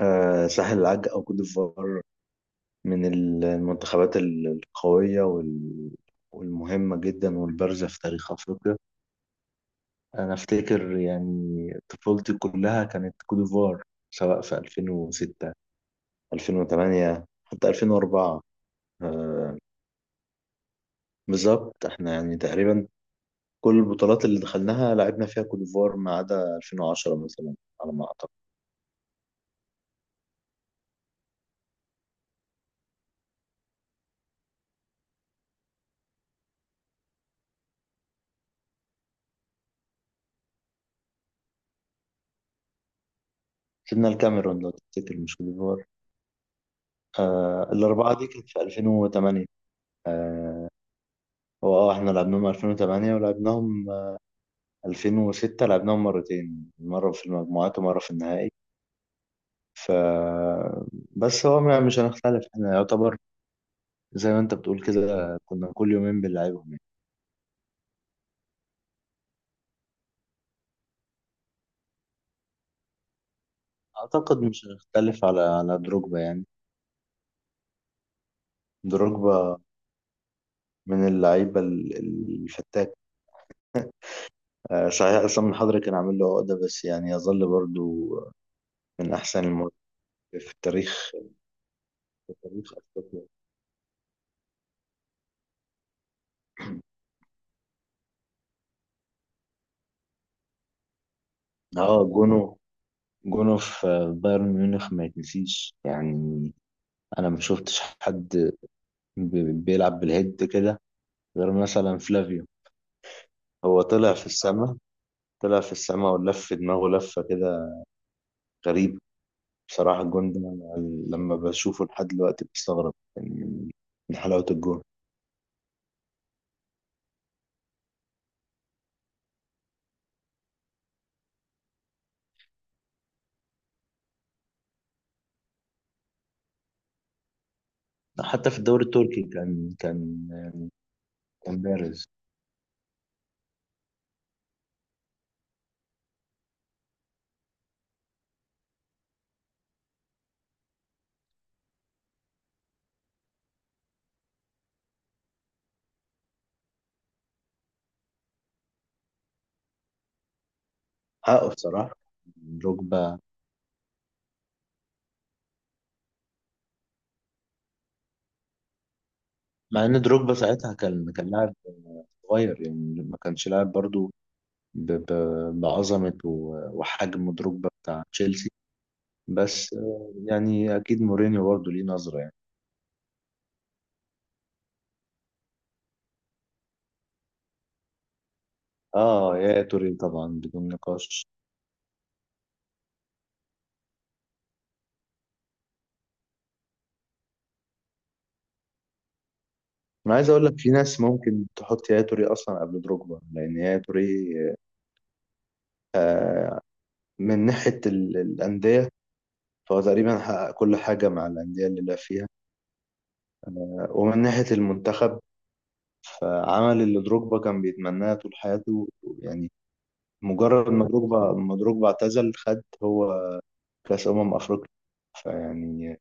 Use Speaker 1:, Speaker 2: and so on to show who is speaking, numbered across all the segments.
Speaker 1: ساحل العاج أو كوت ديفوار من المنتخبات القوية والمهمة جدا والبارزة في تاريخ أفريقيا. أنا أفتكر يعني طفولتي كلها كانت كوت ديفوار، سواء في 2006، 2008، حتى 2004. آه، بالظبط، احنا يعني تقريبا كل البطولات اللي دخلناها لعبنا فيها كوت ديفوار ما عدا 2010 مثلا، على ما أعتقد. كسبنا الكاميرون لو تفتكر، مش كوت ديفوار. الأربعة دي كانت في 2008. هو احنا لعبناهم 2008 ولعبناهم 2006، لعبناهم مرتين، مرة في المجموعات ومرة في النهائي. ف بس هو مش هنختلف، احنا يعتبر زي ما انت بتقول كده كنا كل يومين بنلعبهم يعني. اعتقد مش هنختلف على دروجبا يعني. دروجبا من اللعيبة الفتاك. صحيح عصام الحضري كان عامل له عقدة، بس يعني يظل برضو من احسن المواقف في التاريخ، في تاريخ افريقيا. اه جونه، جونه في بايرن ميونخ ما يتنسيش يعني. انا ما شفتش حد بيلعب بالهيد كده غير مثلا فلافيو. هو طلع في السماء، طلع في السماء ولف دماغه لفة كده غريبة. بصراحة الجون ده أنا لما بشوفه لحد دلوقتي بستغرب من حلاوة الجون. حتى في الدوري التركي كان كان بارز. حقه بصراحة دروجبا. مع ان دروجبا ساعتها كان لاعب صغير يعني، ما كانش لاعب برضو بعظمة وحجم دروجبا بتاع تشيلسي. بس يعني أكيد مورينيو برضه ليه نظرة يعني. يا توري طبعا بدون نقاش. أنا عايز أقول لك في ناس ممكن تحط يا توري أصلا قبل دروجبا، لأن يا توري آه، من ناحية الأندية، فهو تقريبا حقق كل حاجة مع الأندية اللي لعب فيها. ومن ناحية المنتخب، فعمل اللي دروجبا كان بيتمناه طول حياته يعني. مجرد ما دروجبا اعتزل، خد هو كأس أمم أفريقيا. فيعني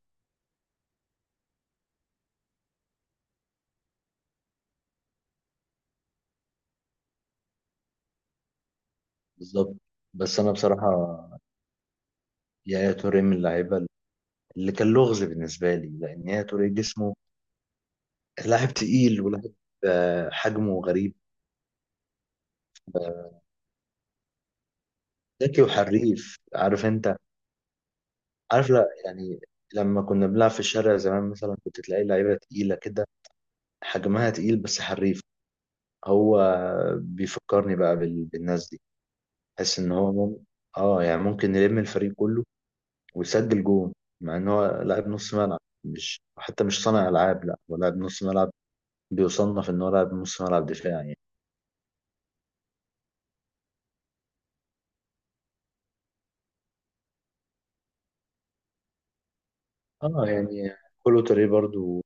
Speaker 1: بالظبط. بس انا بصراحه يا توريه من اللعيبه اللي كان لغز بالنسبه لي، لان يا توريه جسمه لاعب تقيل ولاعب، حجمه غريب. ذكي وحريف، عارف انت، عارف، لا يعني لما كنا بنلعب في الشارع زمان مثلا كنت تلاقي لعيبه تقيله كده، حجمها تقيل بس حريف. هو بيفكرني بقى بالناس دي. بحس ان هو اه يعني ممكن يلم الفريق كله وسجل جون، مع ان هو لاعب نص ملعب، مش حتى مش صانع العاب، لا هو لاعب نص ملعب، بيصنف ان هو لاعب نص ملعب دفاعي يعني. اه يعني كولو توريه برضو،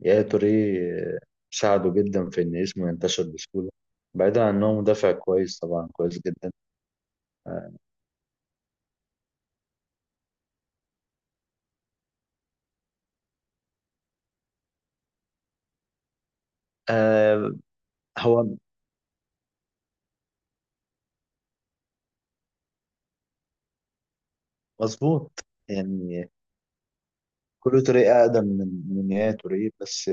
Speaker 1: يا توريه ساعده جدا في ان اسمه ينتشر بسهوله، بعيدا عن انه مدافع كويس، طبعا كويس جدا. آه. آه، هو مظبوط يعني. كولو توريه اقدم من يا توريه، بس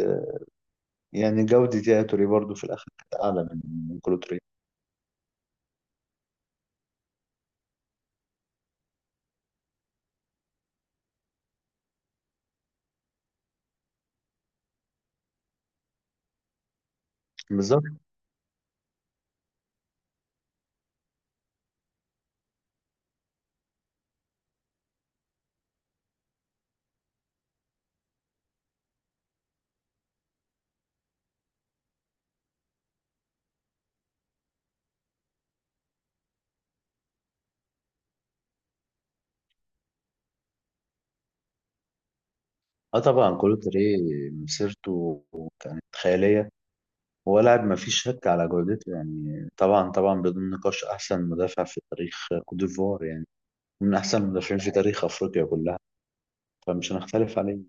Speaker 1: يعني جوده يا توريه برضو في الاخر كانت اعلى من كولو توريه. بالظبط. اه طبعا كولوتري مسيرته كانت خيالية. هو لاعب ما فيش شك على جودته يعني، طبعا طبعا بدون نقاش أحسن مدافع في تاريخ كوت ديفوار يعني، من أحسن المدافعين في تاريخ أفريقيا كلها، فمش هنختلف عليه.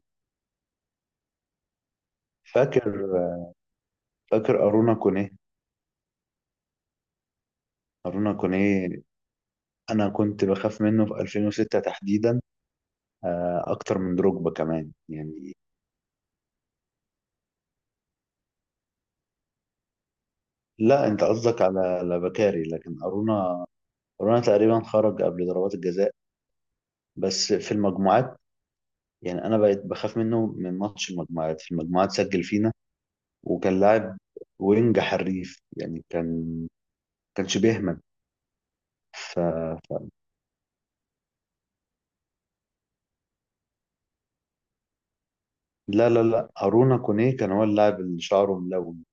Speaker 1: فاكر فاكر أرونا كونيه. أرونا كونيه، أنا كنت بخاف منه في 2006 تحديدا، أكتر من دروجبا كمان يعني. لا أنت قصدك على بكاري، لكن أرونا، أرونا تقريبا خرج قبل ضربات الجزاء، بس في المجموعات. يعني انا بقيت بخاف منه من ماتش المجموعات، في المجموعات سجل فينا، وكان لاعب وينج حريف يعني، كان كانش بيهمل. ف... ف... لا لا لا، أرونا كونيه كان هو اللاعب اللي شعره ملون،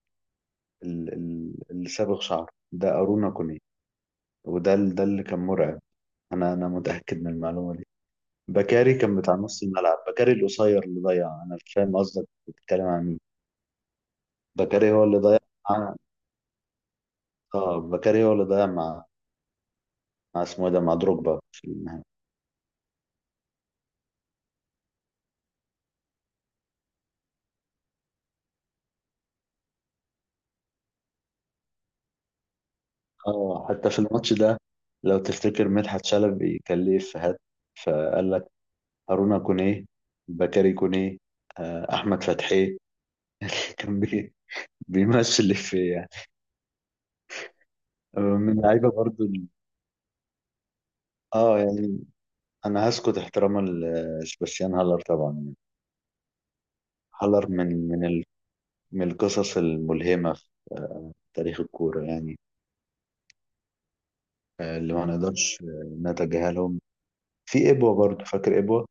Speaker 1: اللي صابغ شعره، ده أرونا كونيه، وده ده اللي كان مرعب. انا متأكد من المعلومة دي. بكاري كان بتاع نص الملعب، بكاري القصير اللي ضيع. انا مش فاهم قصدك بتتكلم عن مين. بكاري هو اللي ضيع مع، اه بكاري هو اللي ضيع مع، مع اسمه إيه ده، مع دروجبا في النهائي. اه حتى في الماتش ده لو تفتكر مدحت شلبي كان ليه افيهات، فقال لك هارونا كونيه، بكاري كونيه، احمد فتحي. كان بيمثل الافيه يعني. من لعيبه برضو اه يعني انا هسكت احتراما لسباستيان هالر طبعا يعني. هالر من من القصص الملهمه في تاريخ الكوره يعني. اللي ما نقدرش نتجاهلهم في ابوه برضو، فاكر ابوه.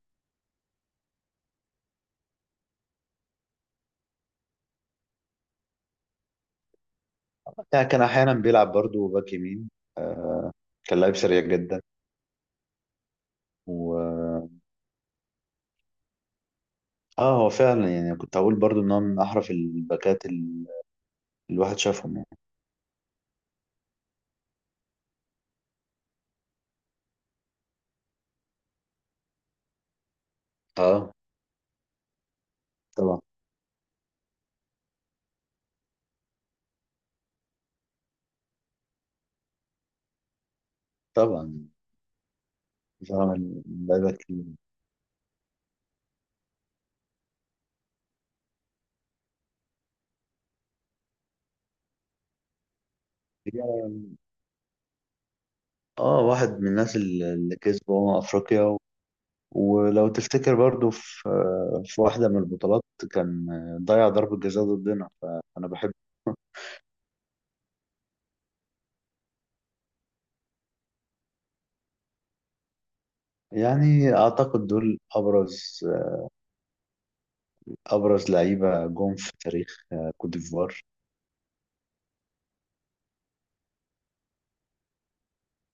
Speaker 1: يعني كان احيانا بيلعب برضو باك يمين. آه، كان لعيب سريع جدا. و اه هو فعلا يعني كنت هقول برضو ان هو من احرف الباكات الواحد شافهم يعني. اه طبعا طبعا. فاهم، اللعيبه كتير. اه واحد من الناس اللي كسبوا أمم افريقيا ولو تفتكر برضو في واحده من البطولات كان ضيع ضربه جزاء ضدنا، فانا بحب. يعني اعتقد دول ابرز لعيبه جم في تاريخ كوت ديفوار.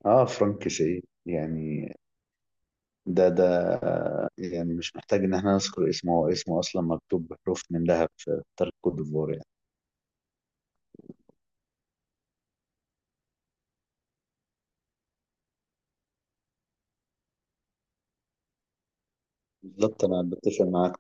Speaker 1: اه فرانك سي يعني، ده ده، يعني مش محتاج ان احنا نذكر اسمه، هو اسمه اصلا مكتوب بحروف من ذهب في تاريخ كوت ديفوار يعني. بالظبط، انا بتفق معاك.